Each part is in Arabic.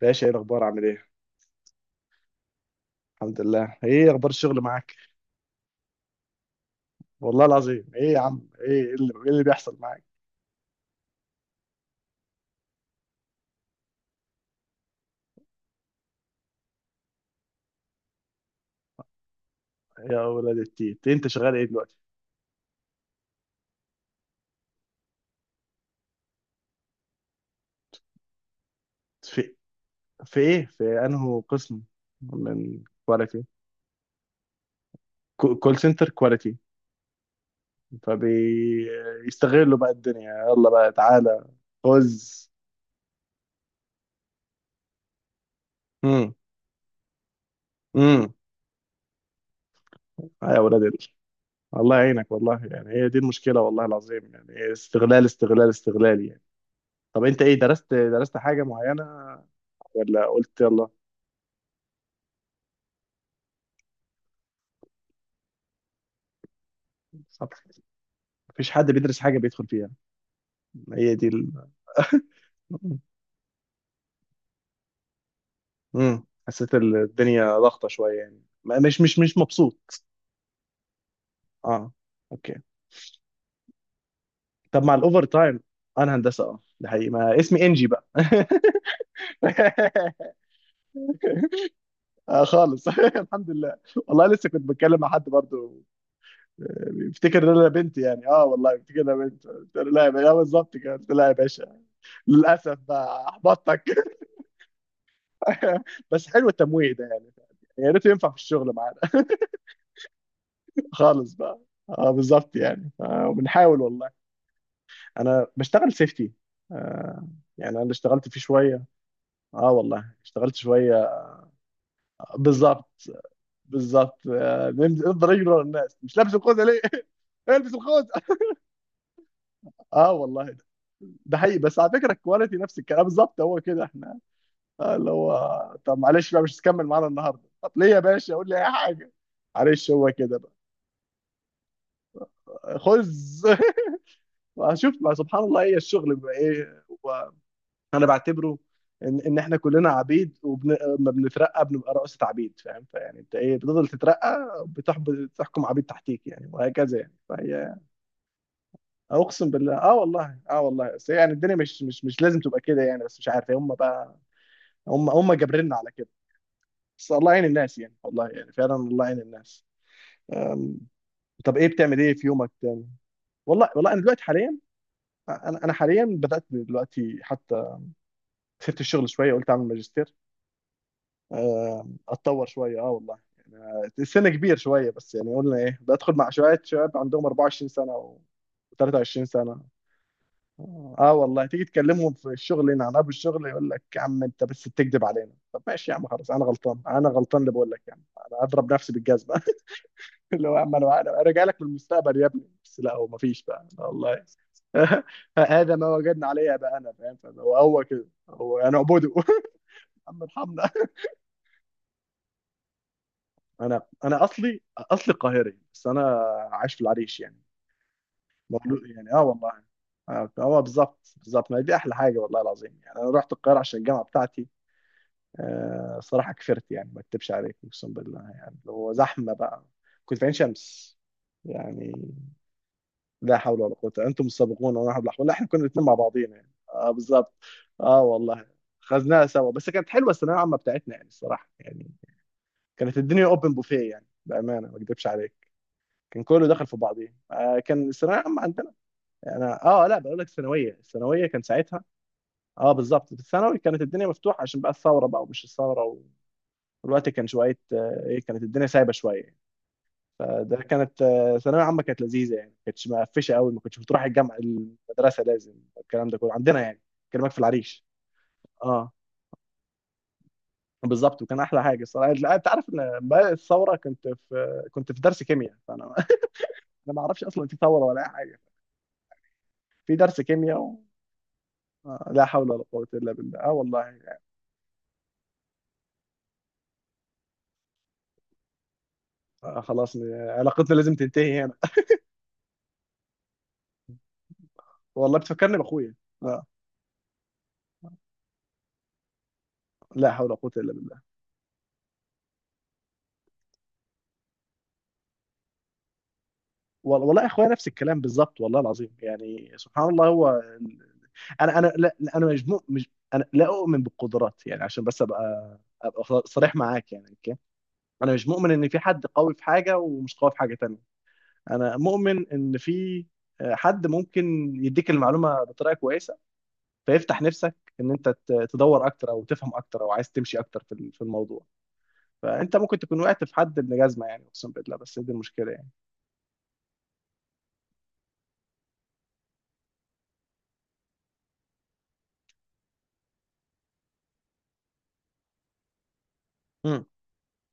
باشا، ايه الاخبار، عامل ايه؟ الحمد لله. ايه اخبار الشغل معاك؟ والله العظيم، ايه يا عم، ايه، إيه اللي بيحصل معاك؟ يا ولاد التيت، انت شغال ايه دلوقتي؟ في في ايه، في انه قسم؟ من كواليتي. كول سنتر كواليتي. فبيستغلوا بقى الدنيا. يلا بقى تعالى. خذ. امم امم يا ولاد ال... الله يعينك والله. يعني هي دي المشكله، والله العظيم يعني. إيه، استغلال، استغلال، استغلال يعني. طب انت، ايه، درست حاجه معينه ولا قلت يلا؟ صبر. مفيش حد بيدرس حاجة بيدخل فيها؟ هي دي ال... حسيت الدنيا ضغطة شوية يعني، مش مبسوط. اه، اوكي. طب مع الاوفر تايم. انا هندسة اه، ده حقيقي، ما اسمي انجي بقى. آه خالص الحمد لله. والله لسه كنت بتكلم مع حد برضه. آه، بيفتكر ان انا بنت يعني، اه والله بيفتكر ان انا بنت، قلت له لا يا باشا، آه، بالظبط كده قلت له لا يا باشا. للاسف بقى احبطتك. بس حلو التمويه ده يعني. يا ريت ينفع في الشغل معانا. خالص بقى. اه بالظبط يعني، آه، وبنحاول والله. انا بشتغل سيفتي. آه. يعني انا اللي اشتغلت فيه شويه. اه والله اشتغلت شويه. بالظبط. بالظبط آه، نفضل نجري ورا الناس، مش لابس الخوذه ليه؟ البس الخوذه. اه والله. ده حقيقي، بس على فكره الكواليتي نفس الكلام، آه، بالظبط هو كده احنا. آه، اللي هو. طب معلش بقى، مش هتكمل معانا النهارده؟ طب ليه يا باشا؟ قول لي اي حاجه. معلش هو كده بقى. خذ. واشوف، ما سبحان الله، هي الشغل بقى ايه؟ انا بعتبره ان احنا كلنا عبيد، وما بنترقى بنبقى رؤسة عبيد فاهم، فيعني انت ايه، بتفضل تترقى، بتحب بتحكم عبيد تحتيك يعني، وهكذا يعني، فهي. اقسم بالله، اه والله، اه والله. بس يعني الدنيا مش لازم تبقى كده يعني، بس مش عارف هم بقى. هم جابريننا على كده. بس الله يعين الناس يعني، والله يعني فعلا الله يعين الناس. أم، طب ايه، بتعمل ايه في يومك تاني؟ والله والله انا دلوقتي حاليا، انا حاليا بدات دلوقتي حتى، سبت الشغل شويه، قلت اعمل ماجستير. اتطور شويه اه والله، يعني السن كبير شويه، بس يعني قلنا ايه، بدخل مع شويه شباب عندهم 24 سنه و 23 سنه. اه والله تيجي تكلمهم في الشغل هنا عن ابو الشغل، يقول لك يا عم انت بس بتكذب علينا. طب ماشي يا عم خلاص، انا غلطان، انا غلطان اللي بقول لك يعني. انا اضرب نفسي بالجزمه. اللي هو، يا عم انا راجع لك من المستقبل يا ابني، بس لا هو مفيش بقى، لا والله. هذا ما وجدنا عليه بقى انا فاهم، فاللي هو كده، هو انا اعبده. عم ارحمنا. انا اصلي قاهري، بس انا عايش في العريش يعني، مولود يعني اه والله. اه آه، بالظبط بالظبط، ما هي دي احلى حاجه والله العظيم. يعني انا رحت القاهره عشان الجامعه بتاعتي. آه صراحه كفرت يعني، ما اكتبش عليك اقسم بالله، يعني هو زحمه بقى. كنت في عين شمس يعني. لا حول ولا قوه، انتم السابقون وانا حول ولا قوه. لا، احنا كنا الاثنين مع بعضينا يعني، اه بالظبط. اه والله خذناها سوا، بس كانت حلوه الثانويه العامه بتاعتنا يعني، الصراحه يعني. كانت الدنيا اوبن بوفيه يعني، بامانه ما اكدبش عليك. كان كله دخل في بعضيه آه، كان الثانويه عامه عندنا. يعني اه لا، بقول لك الثانويه، كان ساعتها. اه بالظبط، في الثانوي كانت الدنيا مفتوحه عشان بقى الثوره بقى، ومش الثوره. والوقت كان شويه، آه ايه، كانت الدنيا سايبه شويه. فده كانت، آه، ثانويه عامه كانت لذيذه يعني، ما كانتش مقفشه قوي. ما كنتش بتروح الجامعه، المدرسه لازم. الكلام ده كله عندنا يعني، كلامك في العريش. اه بالظبط، وكان احلى حاجه الصراحه. لا، انت عارف ان بقى الثوره، كنت في درس كيمياء فانا انا ما اعرفش اصلا في ثوره ولا اي حاجه. في درس كيمياء. آه، لا حول ولا قوة إلا بالله، اه والله. آه خلاص، علاقتنا لازم تنتهي هنا. والله بتفكرني بأخويا. آه، لا حول ولا قوة إلا بالله. والله أخويا نفس الكلام بالظبط، والله العظيم يعني، سبحان الله. أنا لا لا، أنا مجموع مش أنا، لا أؤمن بالقدرات يعني عشان بس أبقى صريح معاك يعني، أوكي. أنا مش مؤمن إن في حد قوي في حاجة ومش قوي في حاجة تانية. أنا مؤمن إن في آه، حد ممكن يديك المعلومة بطريقة كويسة، فيفتح نفسك ان انت تدور اكتر، او تفهم اكتر، او عايز تمشي اكتر في الموضوع. فانت ممكن تكون وقعت في حد ابن جزمه يعني اقسم بالله، بس دي المشكله يعني. امم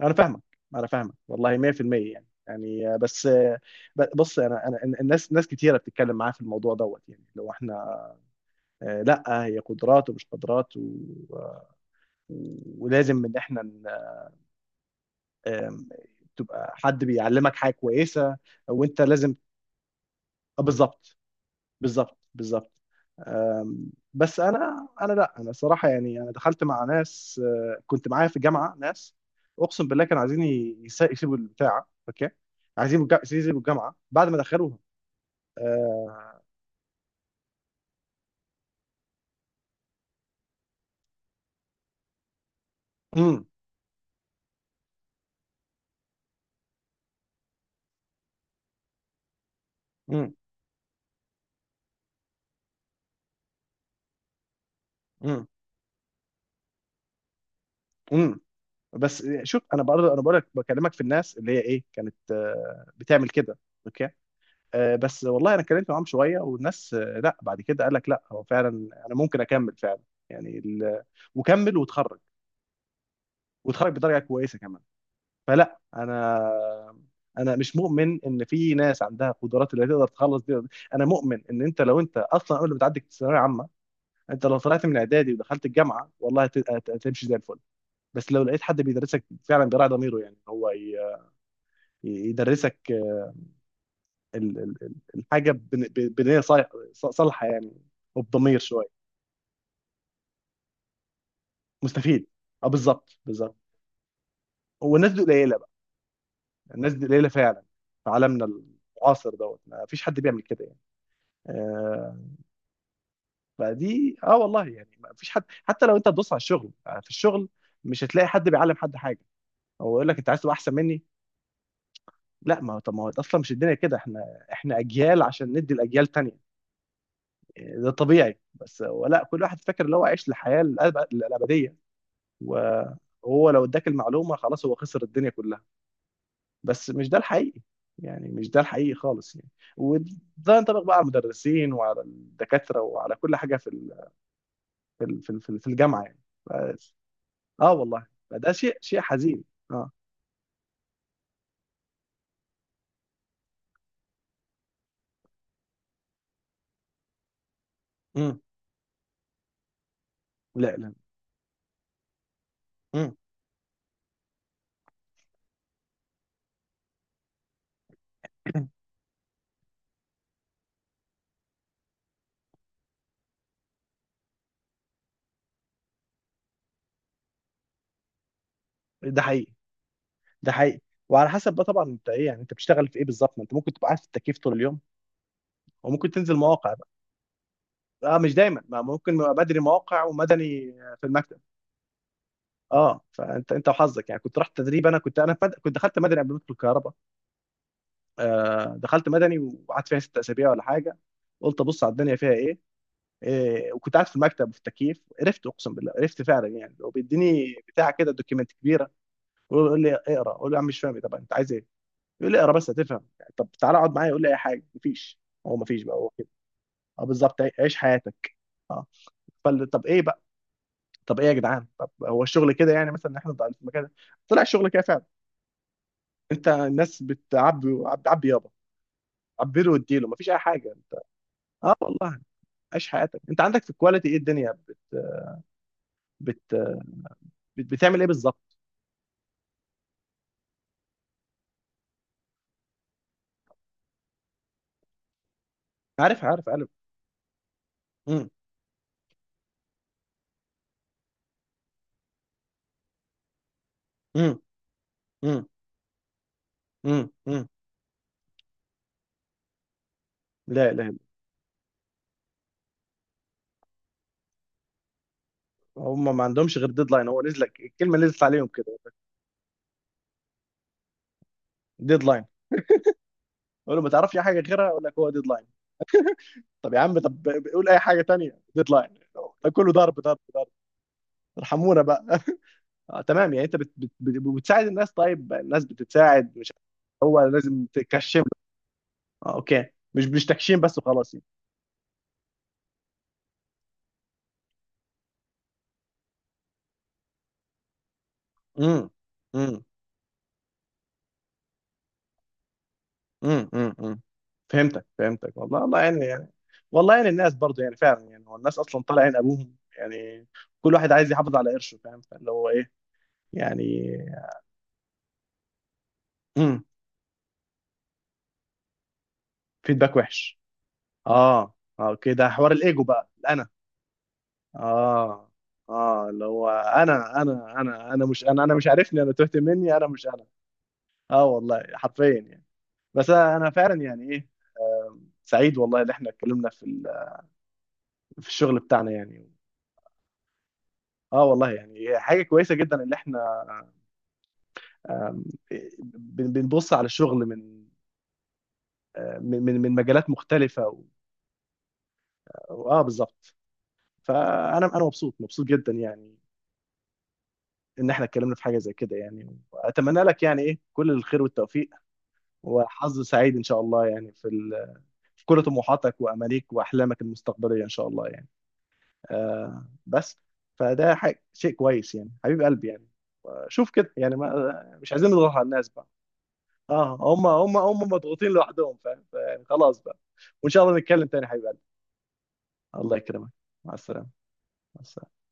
انا فاهمك، انا فاهمك والله 100%. يعني بس، بص، انا الناس، ناس كتيره بتتكلم معايا في الموضوع دوت يعني، لو احنا آه، لا هي قدرات ومش قدرات، و آه، ولازم ان احنا آم، تبقى حد بيعلمك حاجه كويسه وانت لازم. آه، بالظبط. بالظبط بالظبط. بس انا لا، انا صراحه يعني انا دخلت مع ناس، آه، كنت معايا في الجامعه ناس اقسم بالله، كانوا عايزين يسيبوا البتاع اوكي، عايزين يسيبوا الجامعه بعد ما دخلوها. آه، امم امم امم امم بس شوف، انا بقرا، انا بقول لك بكلمك في الناس اللي هي ايه، كانت آه، بتعمل كده اوكي. آه، بس والله انا اتكلمت معاهم شويه والناس، آه، لا بعد كده قال لك لا هو فعلا انا ممكن اكمل فعلا. يعني وكمل وتخرج، وتخرج بدرجه كويسه كمان. فلا، انا، انا مش مؤمن ان في ناس عندها قدرات اللي تقدر تخلص دي. انا مؤمن ان انت، لو انت اصلا قبل ما تعدي الثانويه العامه، انت لو طلعت من اعدادي ودخلت الجامعه والله هتمشي زي الفل. بس لو لقيت حد بيدرسك فعلا، بيراعي ضميره يعني، هو يدرسك الحاجه بنيه صالحه يعني، وبضمير شويه. مستفيد، اه بالظبط بالظبط. والناس دي قليله بقى، الناس دي قليله فعلا. في عالمنا المعاصر دوت، ما فيش حد بيعمل كده. آه، فدي اه والله يعني، ما فيش حد حتى لو انت تدوس على الشغل، آه، في الشغل مش هتلاقي حد بيعلم حد حاجه. هو يقول لك انت عايز تبقى احسن مني؟ لا، ما هو طب ما هو اصلا مش الدنيا كده. احنا، احنا اجيال عشان ندي الاجيال تانية. آه، ده طبيعي، بس هو لا، كل واحد فاكر ان هو عايش الحياه الابديه، وهو لو اداك المعلومه خلاص هو خسر الدنيا كلها. بس مش ده الحقيقي، يعني مش ده الحقيقي خالص يعني. وده ينطبق بقى على المدرسين وعلى الدكاتره وعلى كل حاجه في في ال- في ال- في الجامعه يعني. اه والله، فده شيء حزين. اه، امم لا لا، امم ده حقيقي، ده حقيقي. وعلى حسب بقى طبعا، انت ايه يعني، انت بتشتغل في ايه بالظبط؟ ما انت ممكن تبقى قاعد في التكييف طول اليوم، وممكن تنزل مواقع بقى. اه مش دايما، ما ممكن يبقى بدري مواقع ومدني، في المكتب. اه، فانت انت وحظك يعني، كنت رحت تدريب. انا كنت انا في مد... كنت دخلت مدني قبل ما ادخل الكهرباء. آه دخلت مدني وقعدت فيها ست اسابيع ولا حاجه، قلت ابص على الدنيا فيها ايه، وكنت قاعد في المكتب وفي التكييف عرفت اقسم بالله، عرفت فعلا يعني. وبيديني بتاع كده دوكيمنت كبير، يقول لي اقرا، اقول له يا عم مش فاهم إيه، طب انت عايز ايه؟ يقول لي اقرا بس هتفهم. طب تعالى اقعد معايا، يقول لي اي حاجه مفيش. هو مفيش بقى، هو كده. اه بالظبط، عيش حياتك. اه، فال، طب ايه بقى، طب ايه يا جدعان، طب هو الشغل كده يعني، مثلا إن احنا ضايعين في المكان ده؟ طلع الشغل كده فعلا. انت الناس بتعبي، عبي يابا، عبيله واديله، مفيش اي حاجه انت. اه والله، عيش حياتك. انت عندك في الكواليتي ايه الدنيا، بت... بتعمل ايه بالظبط؟ عارف، عارف، عارف. امم امم امم امم لا، لا، هم ما عندهمش غير ديدلاين. هو نزل لك الكلمه، نزلت عليهم كده. ديدلاين، اقول له ما تعرفش أي حاجه غيرها، يقول لك هو ديدلاين. طب يا عم، طب قول اي حاجه تانية، ديدلاين. ده كله ضرب، ضرب، ضرب. ارحمونا بقى. آه تمام يعني، انت بت بت بت بتساعد الناس، طيب الناس بتتساعد مش؟ هو لازم تكشم له. آه اوكي. مش تكشيم بس وخلاص يعني. امم امم أمم. فهمتك، فهمتك والله. الله يعني والله يعني الناس برضو يعني فعلا يعني، هو الناس اصلا طالع عين ابوهم يعني. كل واحد عايز يحافظ على قرشه فاهم، فاللي هو ايه يعني. امم فيدباك وحش. اه اه، كده حوار الايجو بقى، الانا. اه اه، اللي هو انا انا مش انا انا مش عارفني، انا تهت مني، انا مش انا. اه والله حرفيا يعني. بس انا فعلا يعني ايه، سعيد والله اللي احنا اتكلمنا في في الشغل بتاعنا يعني. اه والله يعني حاجه كويسه جدا اللي احنا، آم، بنبص على الشغل من آه، من مجالات مختلفه و- اه بالظبط، فانا مبسوط مبسوط جدا يعني، ان احنا اتكلمنا في حاجه زي كده يعني. واتمنى لك يعني ايه، كل الخير والتوفيق، وحظ سعيد ان شاء الله يعني، في في كل طموحاتك وامانيك واحلامك المستقبليه ان شاء الله يعني. آه بس، فده حاجة، شيء كويس يعني، حبيب قلبي يعني. شوف كده يعني، ما مش عايزين نضغط على الناس بقى. اه، هم مضغوطين لوحدهم فاهم، فيعني خلاص بقى. وان شاء الله نتكلم تاني يا حبيب قلبي. الله يكرمك. مع السلامه. مع السلامه.